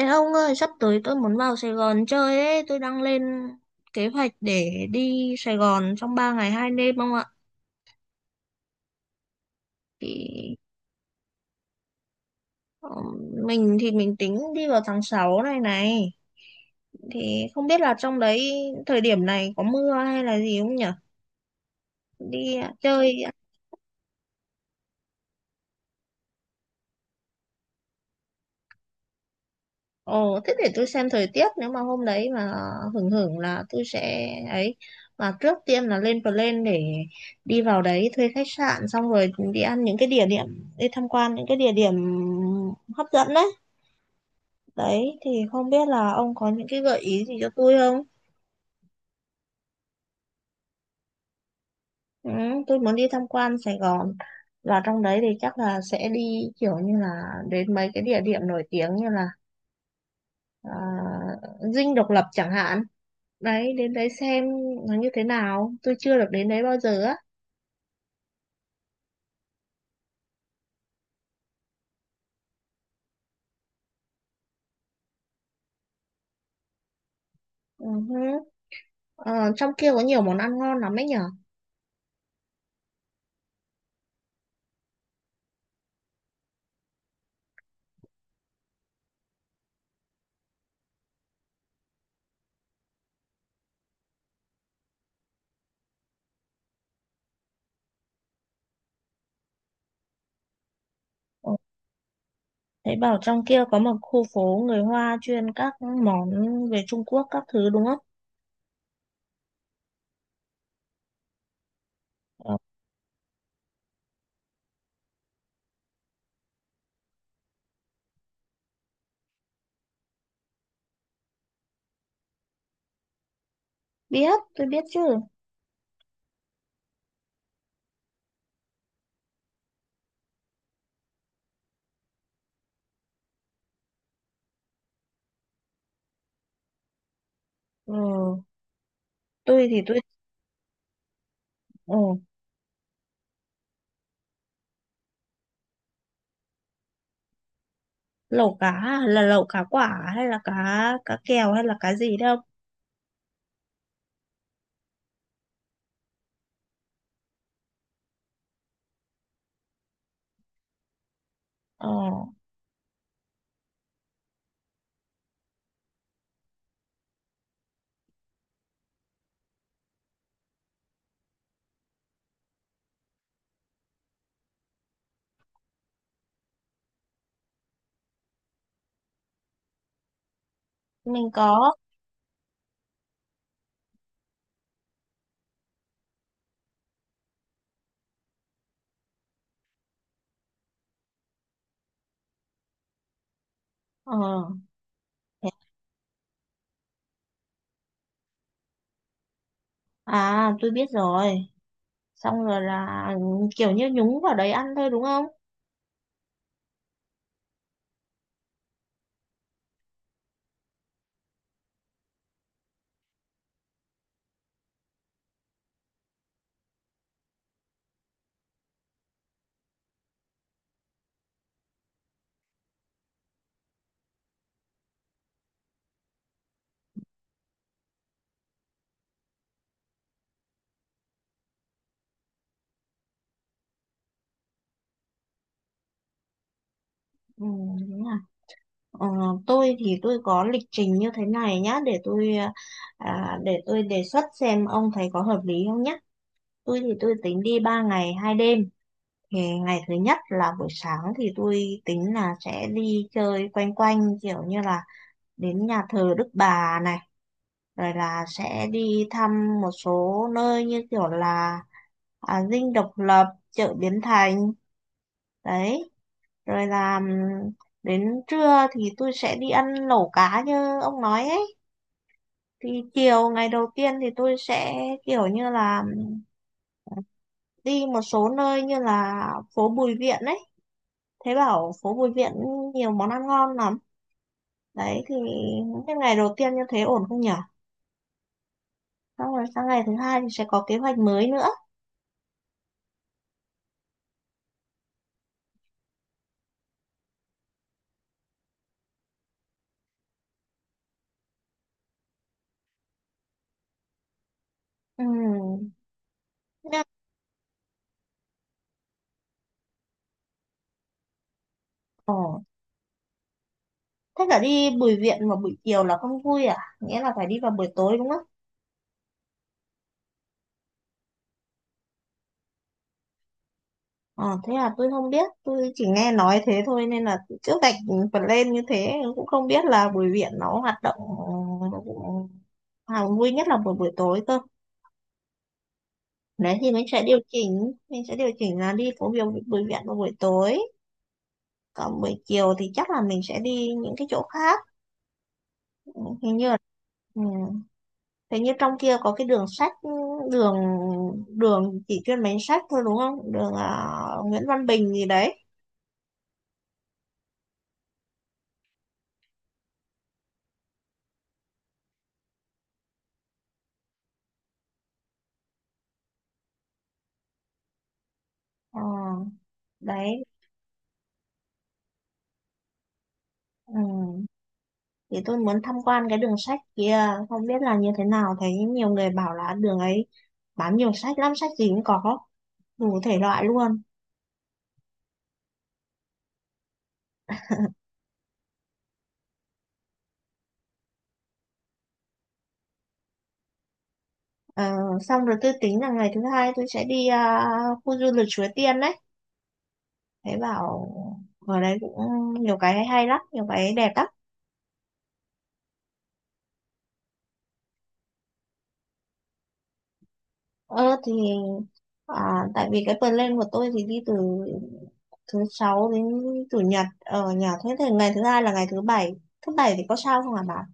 Ê ông ơi, sắp tới tôi muốn vào Sài Gòn chơi ấy, tôi đang lên kế hoạch để đi Sài Gòn trong 3 ngày 2 đêm ông ạ. Thì ờ, mình thì mình tính đi vào tháng 6 này này. Thì không biết là trong đấy thời điểm này có mưa hay là gì không nhỉ? Đi chơi. Ồ, thế để tôi xem thời tiết nếu mà hôm đấy mà hưởng hưởng là tôi sẽ ấy, mà trước tiên là lên plan để đi vào đấy thuê khách sạn, xong rồi đi ăn những cái địa điểm, đi tham quan những cái địa điểm hấp dẫn đấy. Đấy thì không biết là ông có những cái gợi ý gì cho tôi không? Ừ, tôi muốn đi tham quan Sài Gòn và trong đấy thì chắc là sẽ đi kiểu như là đến mấy cái địa điểm nổi tiếng như là à, Dinh Độc Lập chẳng hạn. Đấy, đến đấy xem nó như thế nào, tôi chưa được đến đấy bao giờ á. Ừ hứ. Ờ, trong kia có nhiều món ăn ngon lắm ấy nhở. Ồ, Thấy bảo trong kia có một khu phố người Hoa chuyên các món về Trung Quốc các thứ đúng không? Ờ, biết, tôi biết chứ. Ừ, tôi thì tôi ừ, lẩu cá à? Là lẩu cá quả hay là cá cá kèo hay là cá gì đâu. Ờ, mình có. Ờ, thế- tôi biết rồi. Xong rồi là kiểu như nhúng vào đấy ăn thôi đúng không? Ừ, đúng. Ờ, tôi thì tôi có lịch trình như thế này nhá để tôi đề xuất xem ông thấy có hợp lý không nhá. Tôi thì tôi tính đi 3 ngày 2 đêm. Thì ngày thứ nhất là buổi sáng thì tôi tính là sẽ đi chơi quanh quanh kiểu như là đến nhà thờ Đức Bà này, rồi là sẽ đi thăm một số nơi như kiểu là Dinh Độc Lập, chợ Bến Thành. Đấy, rồi là đến trưa thì tôi sẽ đi ăn lẩu cá như ông nói ấy, thì chiều ngày đầu tiên thì tôi sẽ kiểu như là đi một số nơi như là phố Bùi Viện ấy, thế bảo phố Bùi Viện nhiều món ăn ngon lắm. Đấy thì cái ngày đầu tiên như thế ổn không nhỉ? Xong rồi sang ngày thứ hai thì sẽ có kế hoạch mới nữa. Ừm. nhưng- Ồ, thế là đi Bùi Viện vào buổi chiều là không vui à, nghĩa là phải đi vào buổi tối đúng không? Ờ, thế là tôi không biết, tôi chỉ nghe nói thế thôi nên là trước gạch phần lên như thế cũng không biết là Bùi Viện nó hoạt động, vui nhất là buổi buổi tối cơ. Đấy thì mình sẽ điều chỉnh là đi phố biểu Bùi Viện vào buổi tối. Còn buổi chiều thì chắc là mình sẽ đi những cái chỗ khác. Ừ, Hình như là, ừ, hình như trong kia có cái đường sách, đường đường chỉ chuyên bán sách thôi đúng không? Đường Nguyễn Văn Bình gì đấy. Ờ, đấy. Ừ, thì tôi muốn tham quan cái đường sách kia không biết là như thế nào, thấy nhiều người bảo là đường ấy bán nhiều sách lắm, sách gì cũng có đủ thể loại luôn. Ờ, xong rồi tôi tính là ngày thứ hai tôi sẽ đi khu du lịch Suối Tiên đấy, thấy bảo ở đấy cũng nhiều cái hay hay lắm, nhiều cái đẹp lắm. Thì tại vì cái plan của tôi thì đi từ thứ sáu đến chủ nhật ở nhà, thế thì ngày thứ hai là ngày thứ bảy. Thứ bảy thì có sao không hả bà?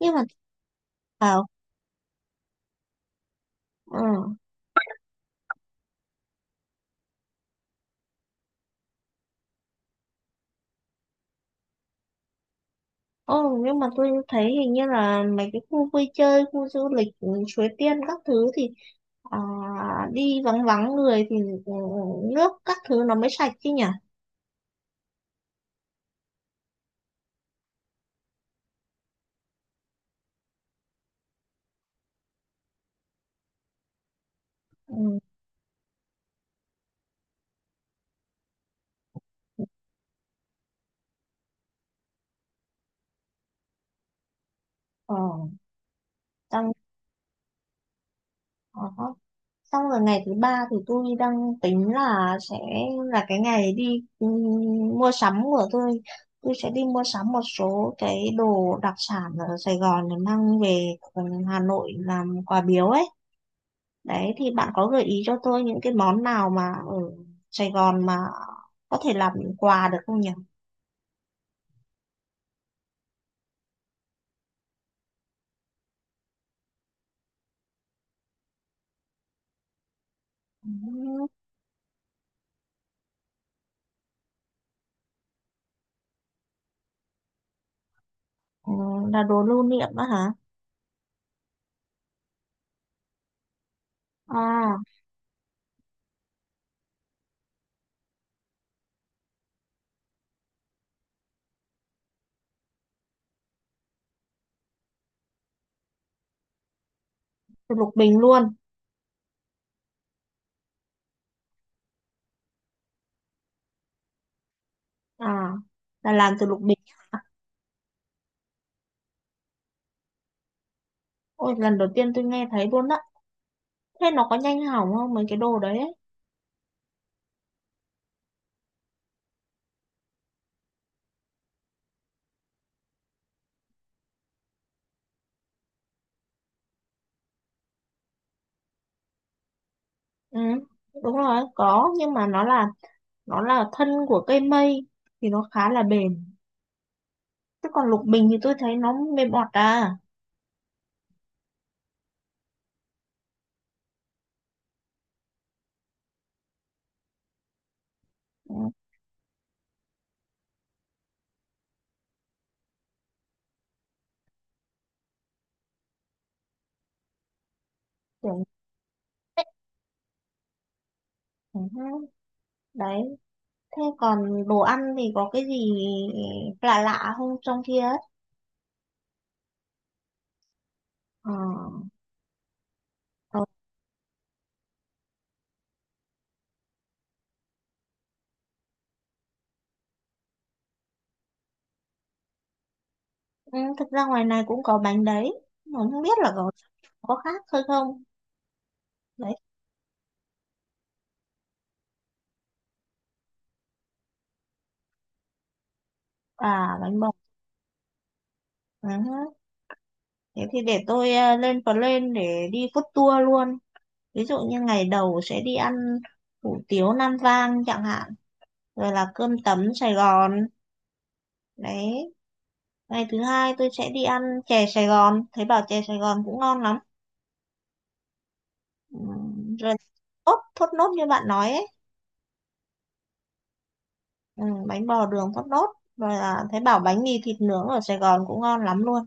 Nhưng mà ờ ừ. Ồ, nhưng mà tôi thấy hình như là mấy cái khu vui chơi, khu du lịch, Suối Tiên các thứ thì à, đi vắng vắng người thì ừ, nước các thứ nó mới sạch chứ nhỉ? Ừ. Ờ, xong, ờ, xong rồi ngày thứ ba thì tôi đang tính là sẽ là cái ngày đi mua sắm của tôi. Tôi sẽ đi mua sắm một số cái đồ đặc sản ở Sài Gòn để mang về Hà Nội làm quà biếu ấy. Đấy thì bạn có gợi ý cho tôi những cái món nào mà ở Sài Gòn mà có thể làm quà được không nhỉ? Ừ, ừ, là đồ lưu niệm đó hả? À, từ lục bình luôn. À, là làm từ lục bình. Ôi, lần đầu tiên tôi nghe thấy luôn đó. Thế nó có nhanh hỏng không mấy cái đồ đấy? Ừ, đúng rồi, có nhưng mà nó là thân của cây mây thì nó khá là bền. Chứ còn lục bình thì tôi thấy nó mềm bọt à. Ừ, tưởng- ừ, đấy. Thế còn đồ ăn thì có cái gì lạ lạ không trong kia ấy? Ờ, ờ, ừ, thực ra ngoài này cũng có bánh đấy. Mà không biết là có khác thôi không? Đấy, bánh bò. Ừ. Thế thì để tôi lên plan để đi food tour luôn. Ví dụ như ngày đầu sẽ đi ăn hủ tiếu Nam Vang chẳng hạn. Rồi là cơm tấm Sài Gòn. Đấy. Ngày thứ hai tôi sẽ đi ăn chè Sài Gòn. Thấy bảo chè Sài Gòn cũng ngon lắm. Ừ. Rồi thốt nốt như bạn nói ấy. Ừ, bánh bò đường thốt nốt và là thấy bảo bánh mì thịt nướng ở Sài Gòn cũng ngon lắm luôn.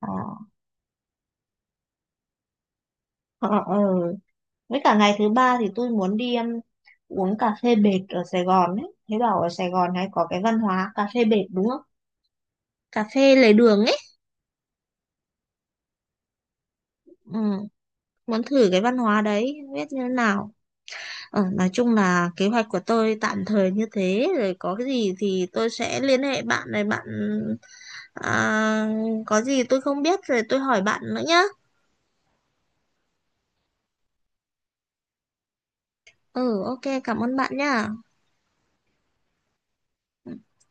Ờ, ờ, ờ. Ừ. Với cả ngày thứ ba thì tôi muốn đi uống cà phê bệt ở Sài Gòn ấy, thấy bảo ở Sài Gòn hay có cái văn hóa cà phê bệt đúng không, cà phê lề đường ấy. Ừ, muốn thử cái văn hóa đấy không biết như thế nào. Nói chung là kế hoạch của tôi tạm thời như thế rồi, có cái gì thì tôi sẽ liên hệ bạn này à, có gì tôi không biết rồi tôi hỏi bạn nữa nhá. Ừ, ok, cảm ơn bạn nha. Ừ.